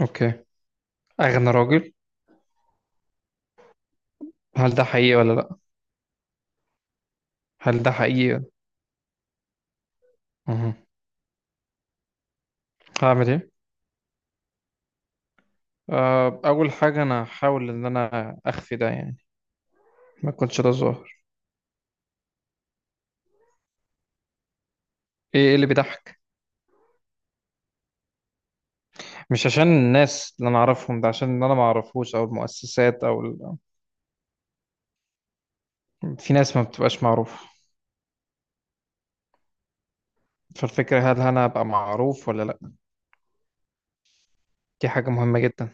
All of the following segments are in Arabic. اوكي. اغنى راجل. هل ده حقيقي ولا لا؟ هل ده حقيقي؟ مهم. هعمل ايه؟ آه، اول حاجه انا هحاول ان انا اخفي ده، يعني ما يكونش ده ظاهر. ايه اللي بيضحك؟ مش عشان الناس اللي انا اعرفهم، ده عشان اللي انا ما اعرفوش او المؤسسات او في ناس ما بتبقاش معروفه، فالفكره هل انا ابقى معروف ولا لا. دي حاجه مهمه جدا،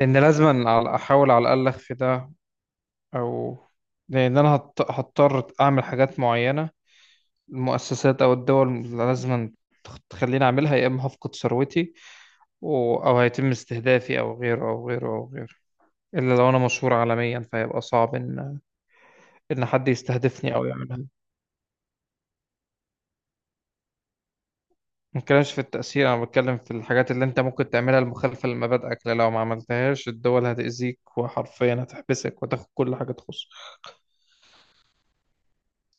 لان لازم أنا احاول على الاقل اخفي ده، او لان انا هضطر اعمل حاجات معينه، المؤسسات او الدول اللي لازم تخليني اعملها، يا اما هفقد ثروتي او هيتم استهدافي او غيره او غيره او غيره، الا لو انا مشهور عالميا فهيبقى صعب ان حد يستهدفني او يعملها. ما بتكلمش في التأثير، انا بتكلم في الحاجات اللي انت ممكن تعملها المخالفة لمبادئك، لأن لو ما عملتهاش الدول هتأذيك وحرفيا هتحبسك وتاخد كل حاجة تخصك.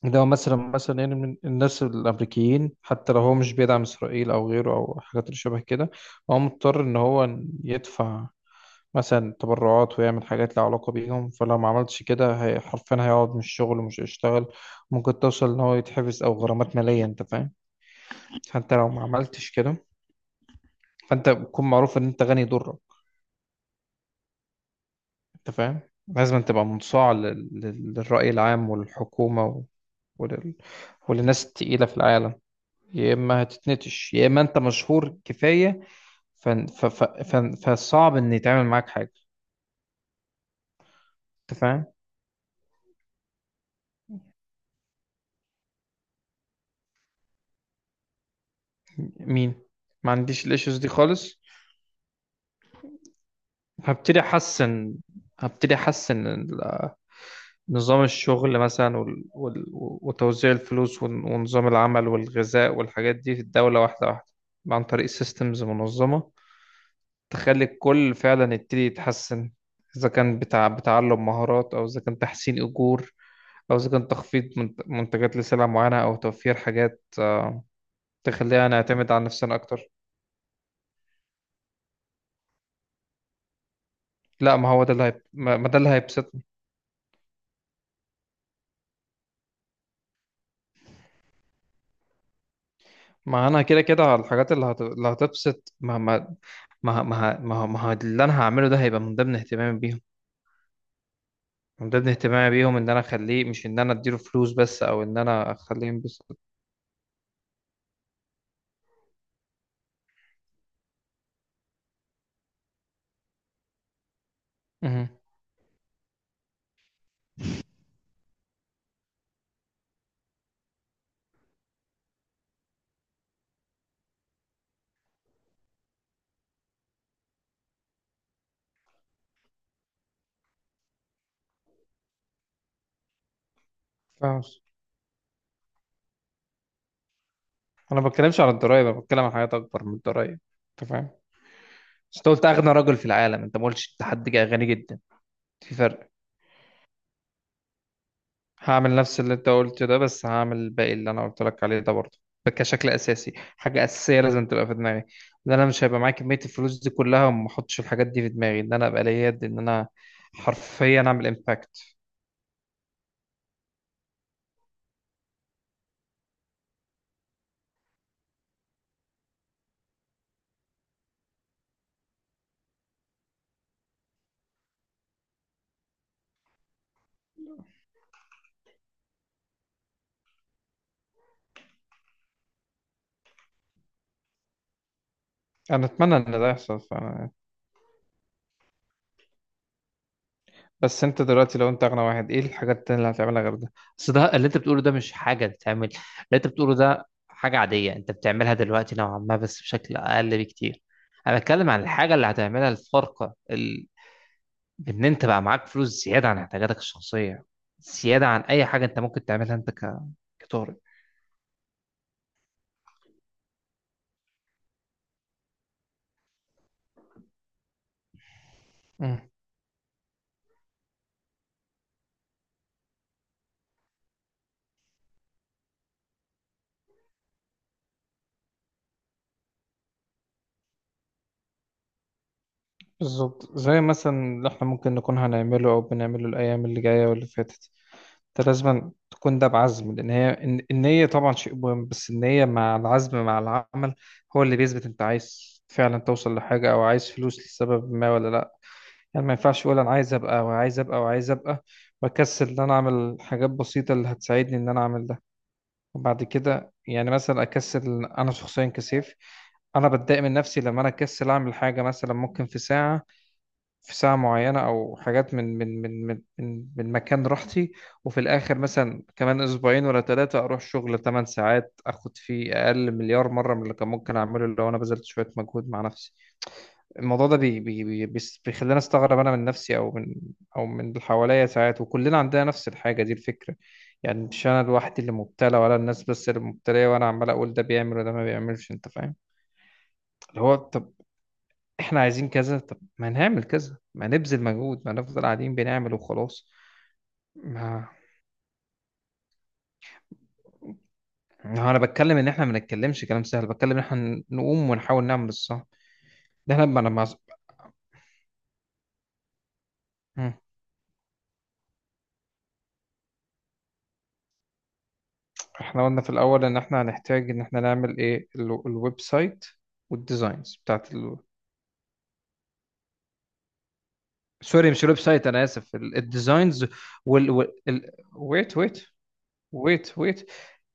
ده مثلا، مثلا يعني من الناس الامريكيين، حتى لو هو مش بيدعم اسرائيل او غيره او حاجات اللي شبه كده، هو مضطر ان هو يدفع مثلا تبرعات ويعمل حاجات لها علاقة بيهم. فلو ما عملتش كده هي حرفيا هيقعد من الشغل ومش هيشتغل، ممكن توصل إن هو يتحبس أو غرامات مالية. أنت فاهم؟ فأنت لو ما عملتش كده فأنت بتكون معروف إن أنت غني يضرك. أنت فاهم؟ لازم تبقى منصاع للرأي العام والحكومة ولل... وللناس التقيلة في العالم، يا إما هتتنتش يا إما أنت مشهور كفاية. ف... ف... ف... ف... فصعب إن يتعمل معاك حاجة. أنت فاهم؟ مين؟ ما عنديش الإيشوز دي خالص. هبتدي احسن، هبتدي احسن نظام الشغل مثلا وتوزيع الفلوس ونظام العمل والغذاء والحاجات دي في الدولة واحدة واحدة، عن طريق سيستمز منظمة، تخلي الكل فعلا يبتدي يتحسن. إذا كان بتاع بتعلم مهارات، أو إذا كان تحسين أجور، أو إذا كان تخفيض منتجات لسلع معينة، أو توفير حاجات، آه، تخلينا نعتمد على نفسنا أكتر. لا، ما هو ده ما ده اللي هيبسطنا. ما أنا كده كده على الحاجات اللي، اللي هتبسط. ما ه- ما ه- ما ه- ما ه- اللي انا هعمله ده هيبقى من ضمن اهتمامي بيهم، من ضمن اهتمامي بيهم ان انا اخليه، مش ان انا اديله فلوس بس او ان انا اخليه ينبسط. مهم. فاهم. انا ما بتكلمش على الضرايب، انا بتكلم عن حاجات اكبر من الضرايب. انت فاهم؟ بس انت قلت اغنى رجل في العالم، انت ما قلتش انت حد جاي غني جدا. في فرق. هعمل نفس اللي انت قلته ده، بس هعمل الباقي اللي انا قلت لك عليه ده برضه. ده كشكل اساسي حاجه اساسيه لازم تبقى في دماغي، ان انا مش هيبقى معايا كميه الفلوس دي كلها وما احطش الحاجات دي في دماغي ان انا ابقى ليا يد ان انا حرفيا اعمل امباكت. انا اتمنى ان ده يحصل بس انت دلوقتي لو انت اغنى واحد، ايه الحاجات التانية اللي هتعملها غير ده؟ بس ده اللي انت بتقوله ده مش حاجه تتعمل. اللي انت بتقوله ده حاجه عاديه انت بتعملها دلوقتي نوعا ما بس بشكل اقل بكتير. انا بتكلم عن الحاجه اللي هتعملها الفارقه، بإن أنت بقى معاك فلوس زيادة عن احتياجاتك الشخصية، زيادة عن أي حاجة أنت ممكن تعملها، أنت كطارئ. مم. بالظبط، زي مثلا اللي احنا ممكن نكون هنعمله او بنعمله الايام اللي جايه واللي فاتت. انت لازم تكون ده بعزم، لان هي النيه طبعا شيء مهم، بس النيه مع العزم مع العمل هو اللي بيثبت انت عايز فعلا توصل لحاجه او عايز فلوس لسبب ما، ولا لا. يعني ما ينفعش اقول انا عايز ابقى وعايز ابقى وعايز ابقى واكسل ان انا اعمل حاجات بسيطه اللي هتساعدني ان انا اعمل. وبعد كده يعني مثلا اكسل انا شخصيا، كسيف. انا بتضايق من نفسي لما انا اكسل اعمل حاجه مثلا ممكن في ساعه، في ساعه معينه او حاجات من مكان راحتي. وفي الاخر مثلا كمان اسبوعين ولا ثلاثه اروح شغل 8 ساعات اخد فيه اقل مليار مره من اللي كان ممكن اعمله لو انا بذلت شويه مجهود مع نفسي. الموضوع ده بيخلينا استغرب، انا من نفسي او من، او من اللي حواليا ساعات. وكلنا عندنا نفس الحاجه دي الفكره، يعني مش انا لوحدي اللي مبتلى ولا الناس بس اللي مبتليه، وانا عمال اقول ده بيعمل وده ما بيعملش. انت فاهم؟ اللي هو طب احنا عايزين كذا، طب ما نعمل كذا، ما نبذل مجهود، ما نفضل قاعدين بنعمل وخلاص. ما ما انا بتكلم ان احنا ما نتكلمش كلام سهل، بتكلم ان احنا نقوم ونحاول نعمل الصح. ده احنا. ما احنا قلنا في الاول ان احنا هنحتاج ان احنا نعمل ايه الويب سايت والديزاينز سوري مش الويب سايت، انا اسف الديزاينز ويت، ويت.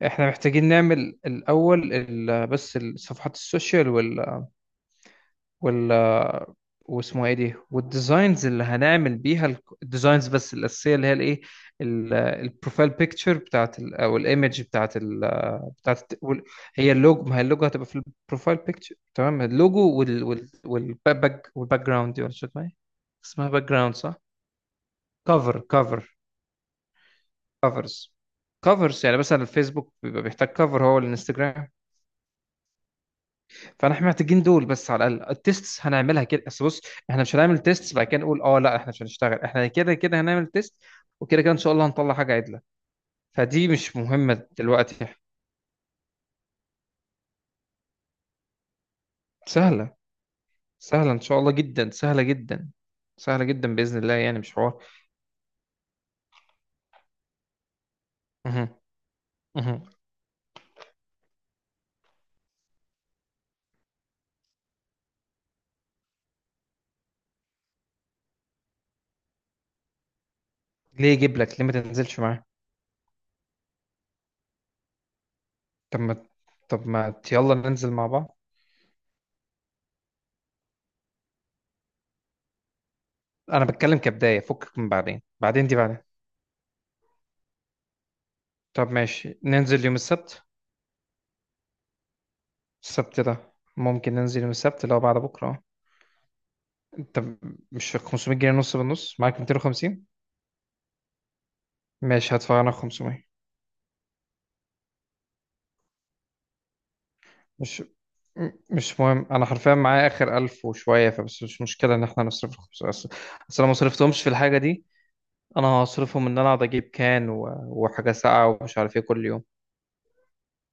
احنا محتاجين نعمل الاول بس الصفحات السوشيال وال واسمه ايه دي، والديزاينز اللي هنعمل بيها الديزاينز بس الاساسيه، اللي هي الايه البروفايل بيكتشر او الايمج بتاعت الت- وال- هي اللوجو، ما هي اللوجو هتبقى في البروفايل بيكتشر، تمام. اللوجو وال وال والباك والباك جراوند دي، ولا شو اسمها إيه؟ اسمها باك جراوند صح؟ كفر، كفرز، كفرز يعني مثلا الفيسبوك بيبقى بيحتاج كفر، هو الانستجرام. فاحنا محتاجين دول بس على الاقل، التيستس هنعملها كده بس بص. احنا مش هنعمل تيستس بعد كده نقول اه لا احنا مش هنشتغل. احنا كده كده هنعمل تيست، وكده كده ان شاء الله هنطلع حاجه عدله. فدي مش مهمه دلوقتي. سهله، سهله ان شاء الله جدا، سهله جدا، سهله جدا باذن الله، يعني مش حوار. مهم. مهم. ليه يجيب لك؟ ليه ما تنزلش معاه؟ طب ما طب ما يلا ننزل مع بعض. انا بتكلم كبدايه، فكك من بعدين، بعدين دي بعدين. طب ماشي، ننزل يوم السبت. السبت ده ممكن ننزل يوم السبت اللي هو بعد بكره. طب مش 500 جنيه نص بالنص، معاك 250؟ ماشي هدفع انا 500. مش مش مهم، انا حرفيا معايا اخر 1000 وشويه فبس، مش مشكله ان احنا نصرف ال 500 اصل. أصل انا ما صرفتهمش في الحاجه دي، انا هصرفهم ان انا اقعد اجيب كان وحاجه ساقعه ومش عارف ايه كل يوم.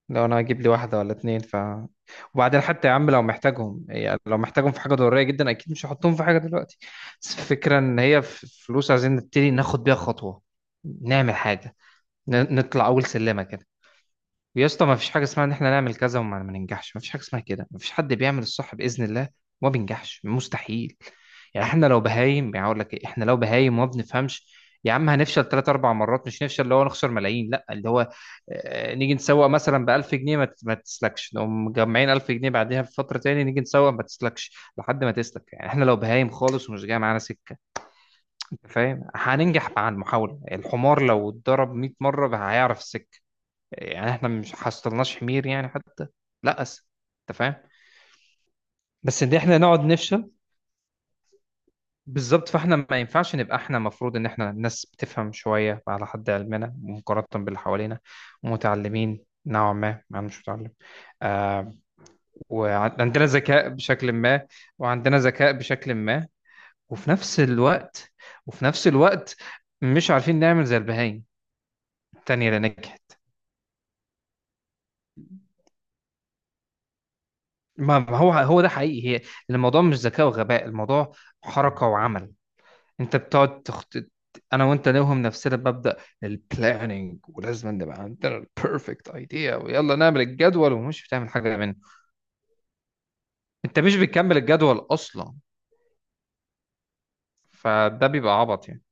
لو انا هجيب لي واحده ولا اتنين ف. وبعدين حتى يا عم، لو محتاجهم يعني لو محتاجهم في حاجه ضروريه جدا اكيد مش هحطهم في حاجه دلوقتي. بس الفكره ان هي فلوس، عايزين نبتدي ناخد بيها خطوه، نعمل حاجه، نطلع اول سلمه كده. يا اسطى، ما فيش حاجه اسمها ان احنا نعمل كذا وما ما ننجحش، ما فيش حاجه اسمها كده. ما فيش حد بيعمل الصح باذن الله وما بينجحش، مستحيل. يعني احنا لو بهايم، يعني اقول لك إيه، احنا لو بهايم وما بنفهمش، يا عم هنفشل ثلاث اربع مرات، مش نفشل اللي هو نخسر ملايين، لا اللي هو آه، نيجي نسوق مثلا ب 1000 جنيه ما تسلكش، نقوم مجمعين 1000 جنيه بعدها بفتره، تاني نيجي نسوق ما تسلكش، لحد ما تسلك. يعني احنا لو بهايم خالص ومش جاي معانا سكه، انت فاهم؟ هننجح مع المحاوله. الحمار لو اتضرب 100 مره هيعرف السكه، يعني احنا مش حصلناش حمير يعني حتى. لا أس. انت فاهم؟ بس ان احنا نقعد نفشل. بالظبط، فاحنا ما ينفعش نبقى، احنا المفروض ان احنا ناس بتفهم شويه على حد علمنا مقارنه باللي حوالينا، ومتعلمين نوعا ما. انا مش متعلم. آه. وعندنا ذكاء بشكل ما، وعندنا ذكاء بشكل ما وفي نفس الوقت وفي نفس الوقت مش عارفين نعمل زي البهايم التانية اللي نجحت. ما ما هو ده حقيقي هي. الموضوع مش ذكاء وغباء، الموضوع حركة وعمل. انت بتقعد تخطط، انا وانت نوهم نفسنا بمبدأ البلاننج، ولازم نبقى عندنا البيرفكت ايديا ويلا نعمل الجدول ومش بتعمل حاجة منه. انت مش بتكمل الجدول اصلا، فده بيبقى عبط يعني.